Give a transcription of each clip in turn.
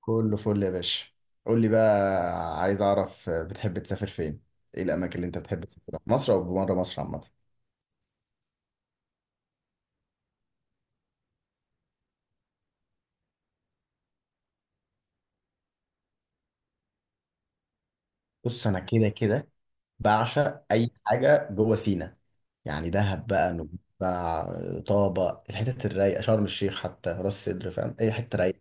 كله فل يا باشا. قول لي بقى، عايز اعرف بتحب تسافر فين؟ ايه الاماكن اللي انت بتحب تسافرها في مصر او بره مصر عامه؟ بص انا كده كده بعشق اي حاجه جوه سينا، يعني دهب بقى، نويبع، طابه، الحتت الرايقه، شرم الشيخ، حتى راس سدر. فاهم اي حته رايقه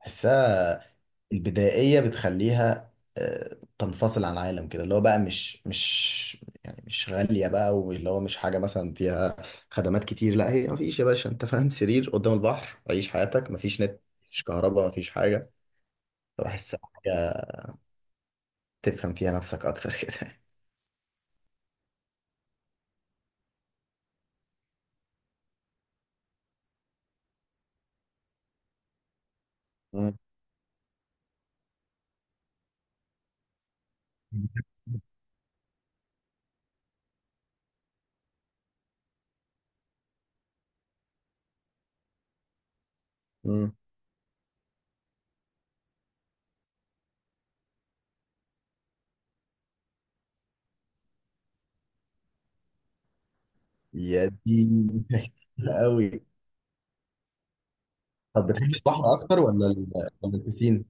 بحسها. البدائية بتخليها تنفصل عن العالم كده. اللي هو بقى مش يعني مش غالية بقى، واللي هو مش حاجة مثلا فيها خدمات كتير. لا، هي مفيش يا باشا، انت فاهم؟ سرير قدام البحر، عيش حياتك، مفيش نت، مفيش كهرباء، مفيش حاجة. فبحس حاجة تفهم فيها نفسك أكتر كده. مم. مم. يا دي قوي. طب بتحب البحر أكتر ولا ولا البسين؟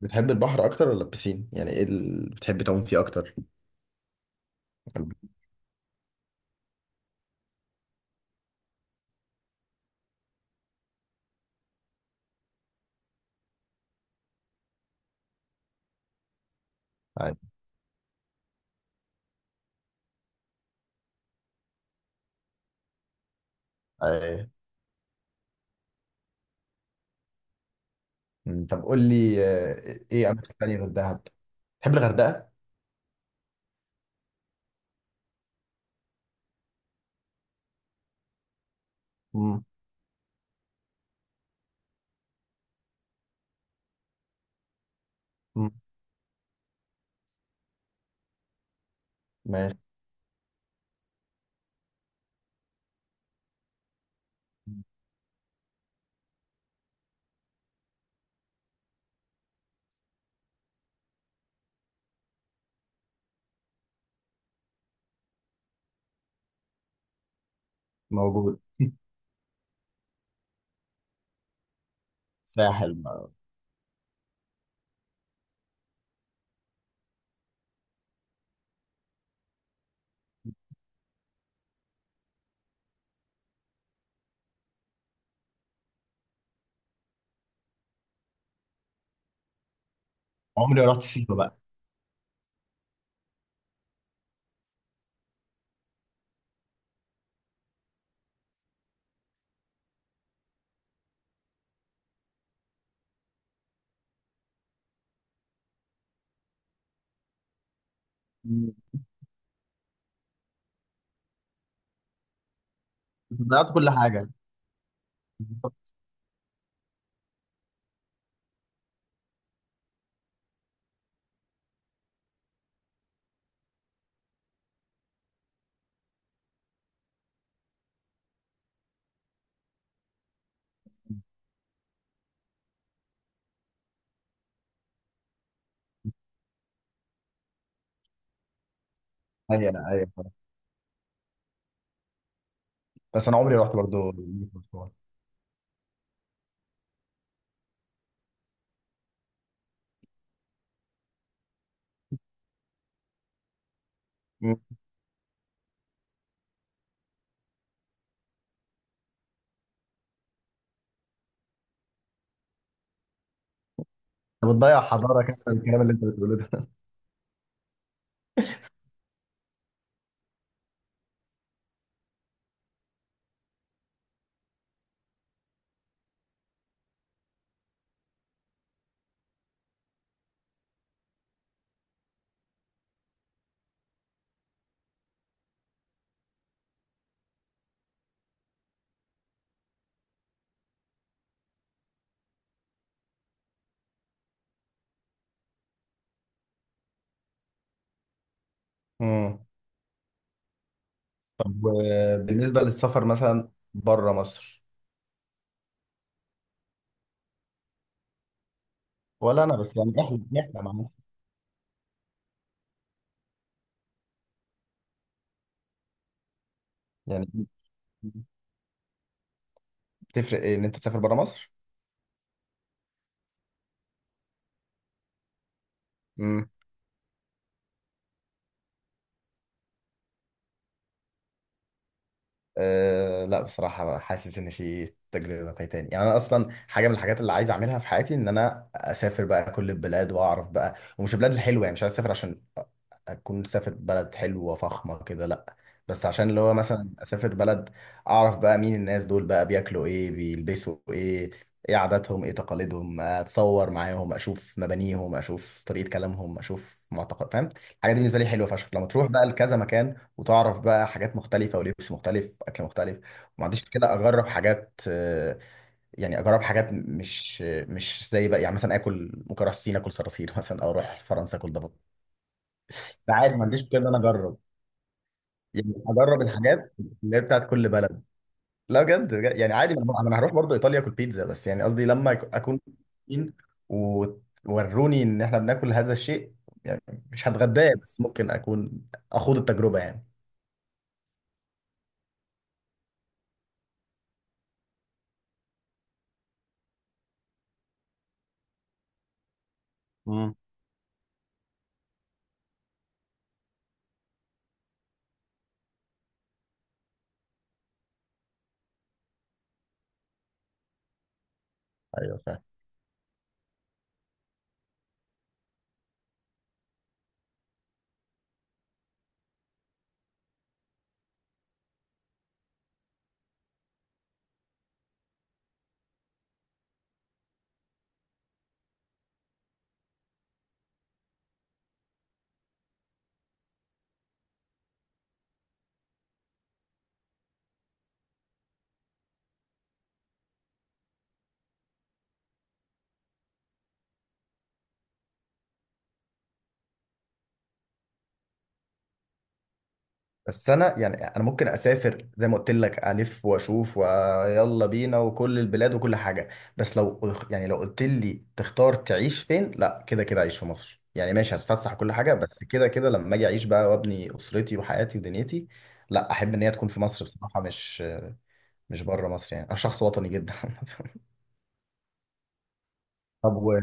بتحب البحر أكتر ولا البسين؟ يعني إيه اللي بتحب تعوم فيه أكتر؟ عادي. مم. طب قول لي ايه اماكن تانية غير دهب؟ تحب الغردقه؟ مم. مم. ماشي. موجود ساحل ما. عمري ما رحت سيوه بقى. مم. ضيعت كل حاجه. ايوه ايوه، بس انا عمري ما رحت برضو. مم. انت بتضيع حضاره كده في الكلام اللي انت بتقوله ده. مم. طب بالنسبه للسفر مثلا بره مصر؟ ولا انا بس؟ يعني احنا مع مصر يعني. تفرق ايه ان انت تسافر بره مصر؟ أه لا، بصراحة حاسس إن في تجربة فايتاني. يعني أنا أصلا حاجة من الحاجات اللي عايز أعملها في حياتي إن أنا أسافر بقى كل البلاد وأعرف بقى، ومش البلاد الحلوة. يعني مش عايز أسافر عشان أكون سافر بلد حلوة فخمة كده، لا. بس عشان اللي هو مثلا أسافر بلد أعرف بقى مين الناس دول بقى، بياكلوا إيه، بيلبسوا إيه، إيه عاداتهم، إيه تقاليدهم. أتصور معاهم، أشوف مبانيهم، أشوف طريقة كلامهم، أشوف معتقد. فاهم؟ الحاجات دي بالنسبة لي حلوة فشخ لما تروح بقى لكذا مكان، وتعرف بقى حاجات مختلفة ولبس مختلف وأكل مختلف. وما عنديش كده، أجرب حاجات. يعني أجرب حاجات مش زي بقى. يعني مثلا آكل، ممكن أروح الصين آكل صراصير مثلا، أو أروح فرنسا آكل ضبط. ده عادي، ما عنديش مشكلة إن أنا أجرب، يعني أجرب الحاجات اللي هي بتاعت كل بلد. لا بجد بجد، يعني عادي. ما أنا هروح برضه إيطاليا آكل بيتزا. بس يعني قصدي لما أكون فين، ووروني إن إحنا بناكل هذا الشيء يعني. مش هتغداه، بس ممكن أكون أخوض التجربة يعني. مم. أيوه فاهم. بس انا يعني انا ممكن اسافر زي ما قلت لك الف واشوف، ويلا بينا وكل البلاد وكل حاجه. بس لو يعني لو قلت لي تختار تعيش فين، لا كده كده اعيش في مصر. يعني ماشي هتفسح وكل حاجه، بس كده كده لما اجي اعيش بقى وابني اسرتي وحياتي ودنيتي، لا احب ان هي تكون في مصر بصراحه. مش مش بره مصر. يعني انا شخص وطني جدا طب و...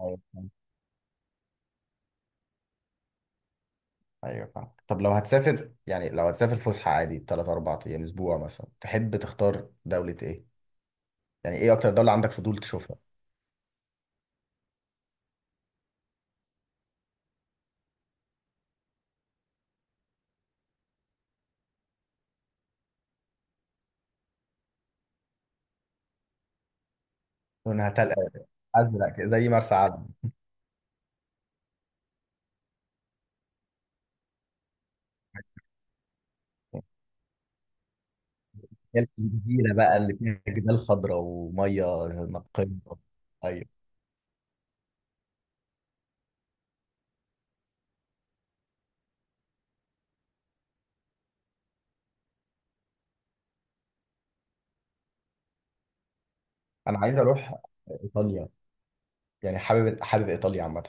ايوه فاهم. أيوة فاهم. طب لو هتسافر، يعني لو هتسافر فسحه عادي 3 4 ايام اسبوع مثلا، تحب تختار دوله ايه؟ يعني ايه اكتر دولة عندك فضول تشوفها؟ لونها تلقى ازرق كده، زي مرسى علم. هي الجزيرة بقى اللي فيها جبال خضراء ومية نقية؟ ايوه. انا عايز اروح ايطاليا. يعني حابب حابب ايطاليا عامة.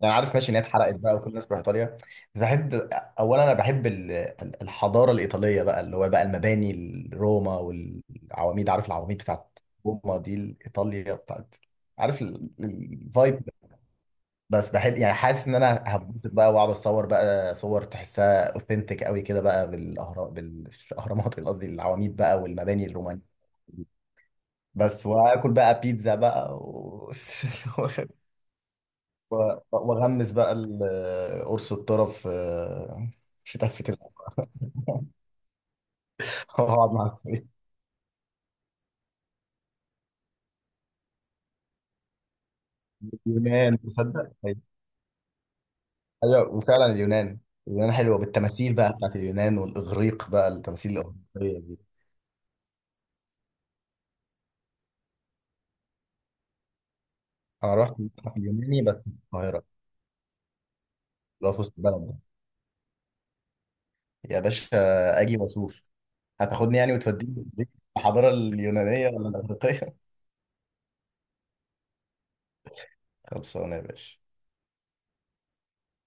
يعني عارف، ماشي ان هي اتحرقت بقى وكل الناس بتروح ايطاليا. بحب اولا، انا بحب الحضارة الايطالية بقى، اللي هو بقى المباني، روما والعواميد. عارف العواميد بتاعت روما دي، ايطاليا بتاعت. عارف الفايب. بس بحب يعني، حاسس ان انا هتبسط بقى واقعد اتصور بقى صور تحسها اوثنتيك قوي كده بقى، بالاهرام بالاهرامات قصدي العواميد بقى، والمباني الرومانية. بس واكل بقى بيتزا بقى واغمس بقى قرص الطرف في تفة الأرض واقعد مع اليونان. تصدق؟ ايوه. وفعلا اليونان، اليونان حلوه بالتماثيل بقى بتاعت اليونان والاغريق بقى، التماثيل الاغريقيه دي. انا رحت متحف اليوناني بس في القاهره، اللي هو في وسط البلد ده. يا باشا اجي واشوف، هتاخدني يعني وتوديني الحضاره اليونانيه ولا الاغريقيه؟ خلصانه يا باشا.